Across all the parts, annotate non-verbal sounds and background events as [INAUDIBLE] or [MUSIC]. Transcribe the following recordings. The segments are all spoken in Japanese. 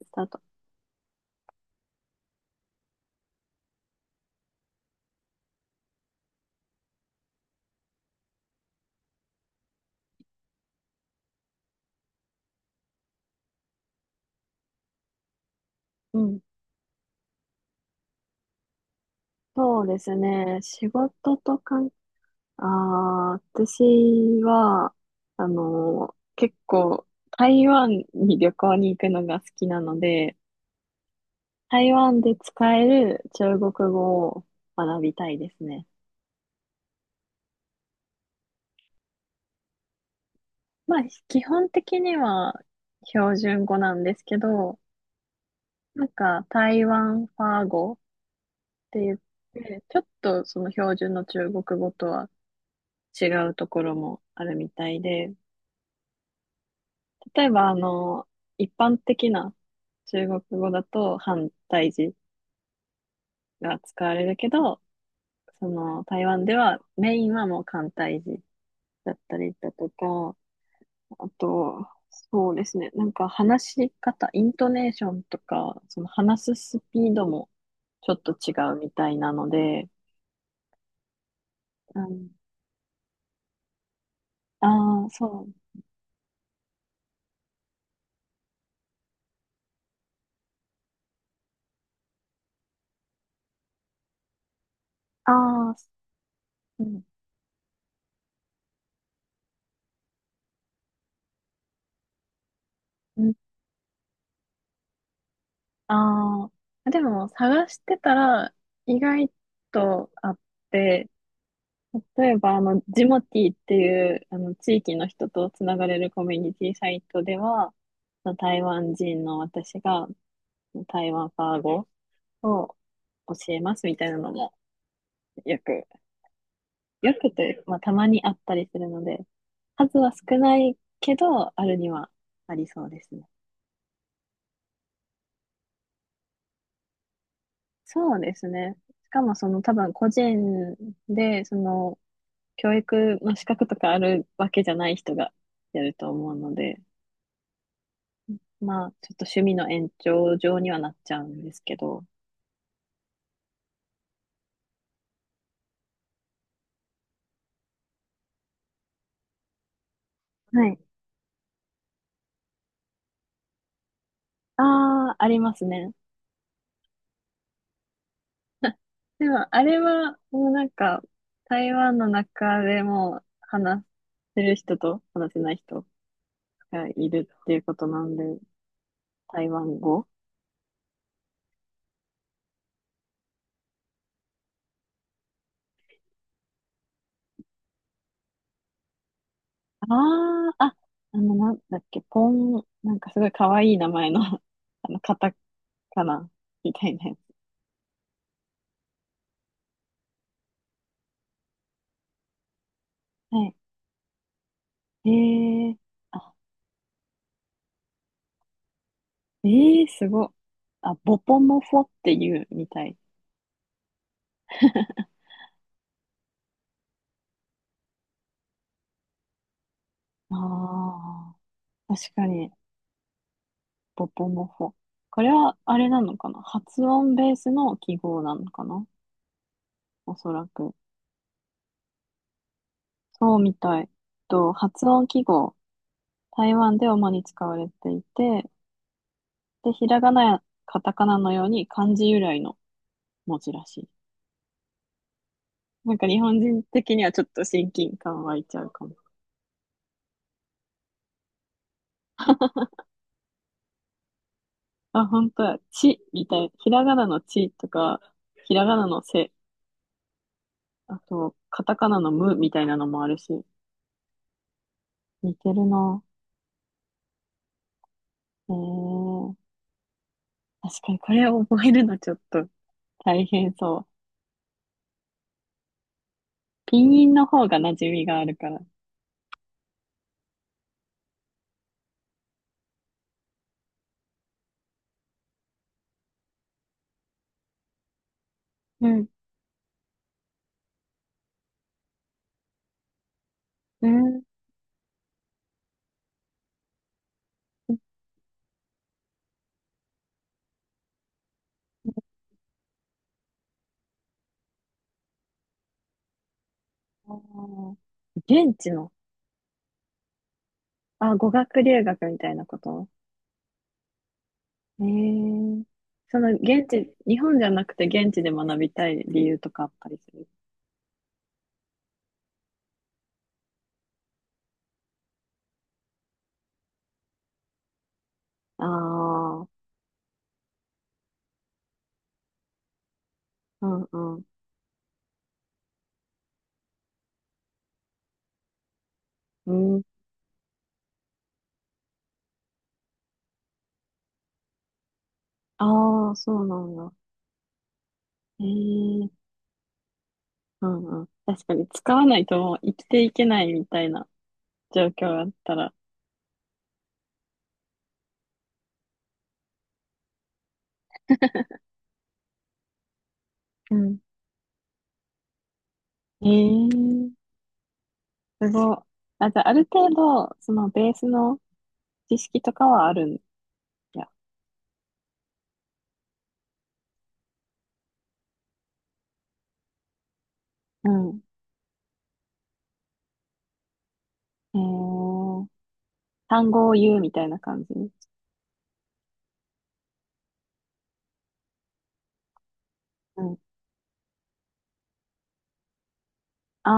スタート。うん。そうですね。仕事とかん、私は、結構、台湾に旅行に行くのが好きなので、台湾で使える中国語を学びたいですね。まあ、基本的には標準語なんですけど、なんか台湾ファー語て言って、ちょっとその標準の中国語とは違うところもあるみたいで、例えば一般的な中国語だと反対字が使われるけど、その台湾ではメインはもう簡体字だったりだとか、あと、そうですね、なんか話し方、イントネーションとか、その話すスピードもちょっと違うみたいなので、うん。ああ、そう。ああ、うん。うああ、でも探してたら意外とあって、例えばジモティーっていうあの地域の人とつながれるコミュニティサイトでは、その台湾人の私が台湾ファー語を教えますみたいなのもよく、よくというか、まあ、たまにあったりするので、数は少ないけど、あるにはありそうですね。そうですね。しかもその多分個人で、その教育の資格とかあるわけじゃない人がやると思うので、まあ、ちょっと趣味の延長上にはなっちゃうんですけど。はい。ああ、ありますね。でも、あれは、もうなんか、台湾の中でも話せる人と話せない人がいるっていうことなんで、台湾語。ああ、なんだっけ、ポン、なんかすごい可愛い名前の [LAUGHS] カタカナみたいなやつ。はい。ええー、ええー、すごい。あ、ボポモフォっていうみたい。ああ、確かに、ボポモフォ。これは、あれなのかな、発音ベースの記号なのかな、おそらく。そうみたい。と、発音記号。台湾で主に使われていて、で、ひらがなやカタカナのように漢字由来の文字らしい。なんか日本人的にはちょっと親近感湧いちゃうかも。あ、本当や。ちみたい。ひらがなのちとか、ひらがなのせ、あと、カタカナのムみたいなのもあるし、似てるな。えー、確かにこれを覚えるのちょっと大変そう。ピンインの方が馴染みがあるから。うん、うん。あー現地の、あ、語学留学みたいなこと。えー、その現地、日本じゃなくて現地で学びたい理由とかあったりする？ああー。うんうん。うん。ああ、そうなんだ。ええ。うんうん。確かに使わないともう生きていけないみたいな状況があったら。うん。えー、すごい。あ、じゃあ、ある程度、そのベースの知識とかはあるんや。うん。えー、単語を言うみたいな感じ。うん。あ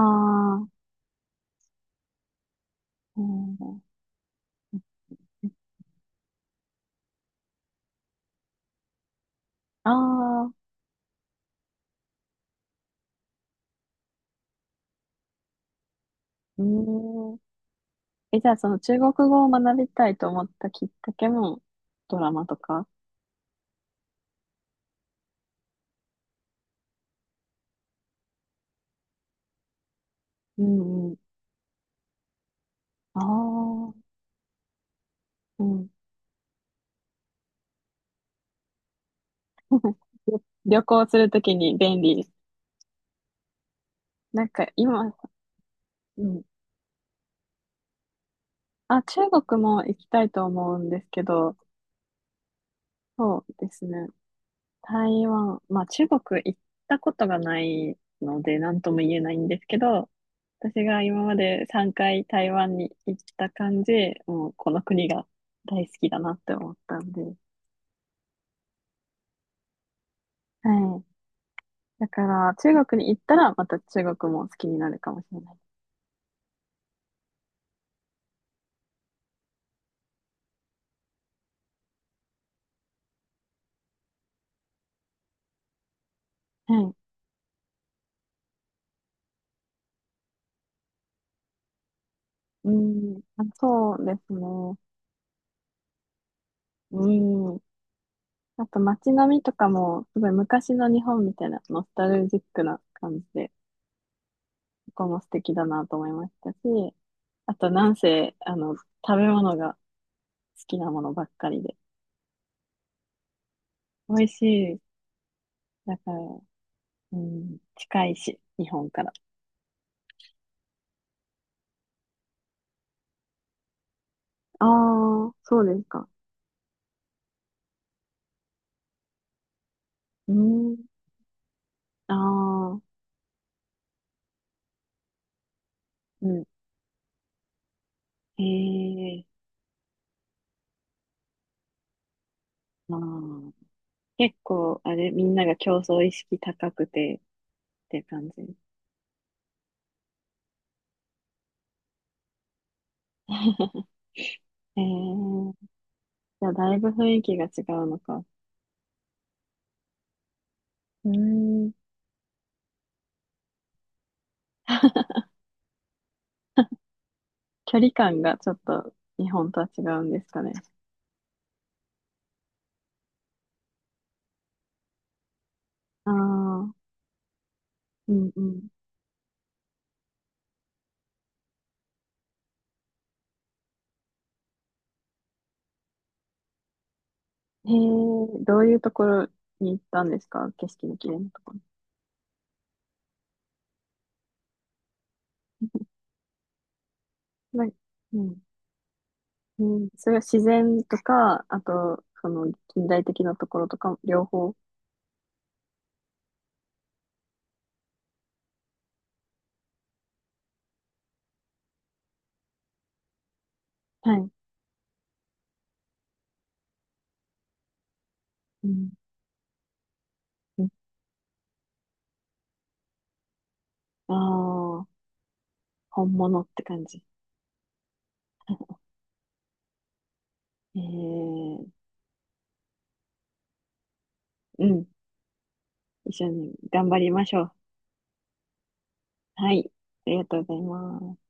あ、うん。ああ、うん。え、じゃあ、その中国語を学びたいと思ったきっかけも、ドラマとか。うんうん。ああ、うん。旅旅行するときに便利。なんか今、うん。あ、中国も行きたいと思うんですけど、そうですね。台湾、まあ中国行ったことがないので何とも言えないんですけど、私が今まで3回台湾に行った感じ、もうこの国が大好きだなって思ったんで。はい。だから中国に行ったらまた中国も好きになるかもしれない。はい。うん。あ、そうですね。うん。あと街並みとかも、すごい昔の日本みたいな、ノスタルジックな感じで、そこも素敵だなと思いましたし、あとなんせ、食べ物が好きなものばっかりで、美味しい。だから、うん、近いし、日本から。ああ、そうですか。うん。ああ、うん。へえ。まあ、結構、あれ、みんなが競争意識高くて、って感じ。へえ。じゃあ、だいぶ雰囲気が違うのか。うーん。距離感がちょっと日本とは違うんですかね。ああ、うんうん。へえ、どういうところに行ったんですか、景色の綺麗なところ。なうん。うん、それは自然とか、あと、その近代的なところとか、両方。はい。うん。うん。ああー、本物って感じ。[LAUGHS] えー、うん。一緒に頑張りましょう。はい。ありがとうございます。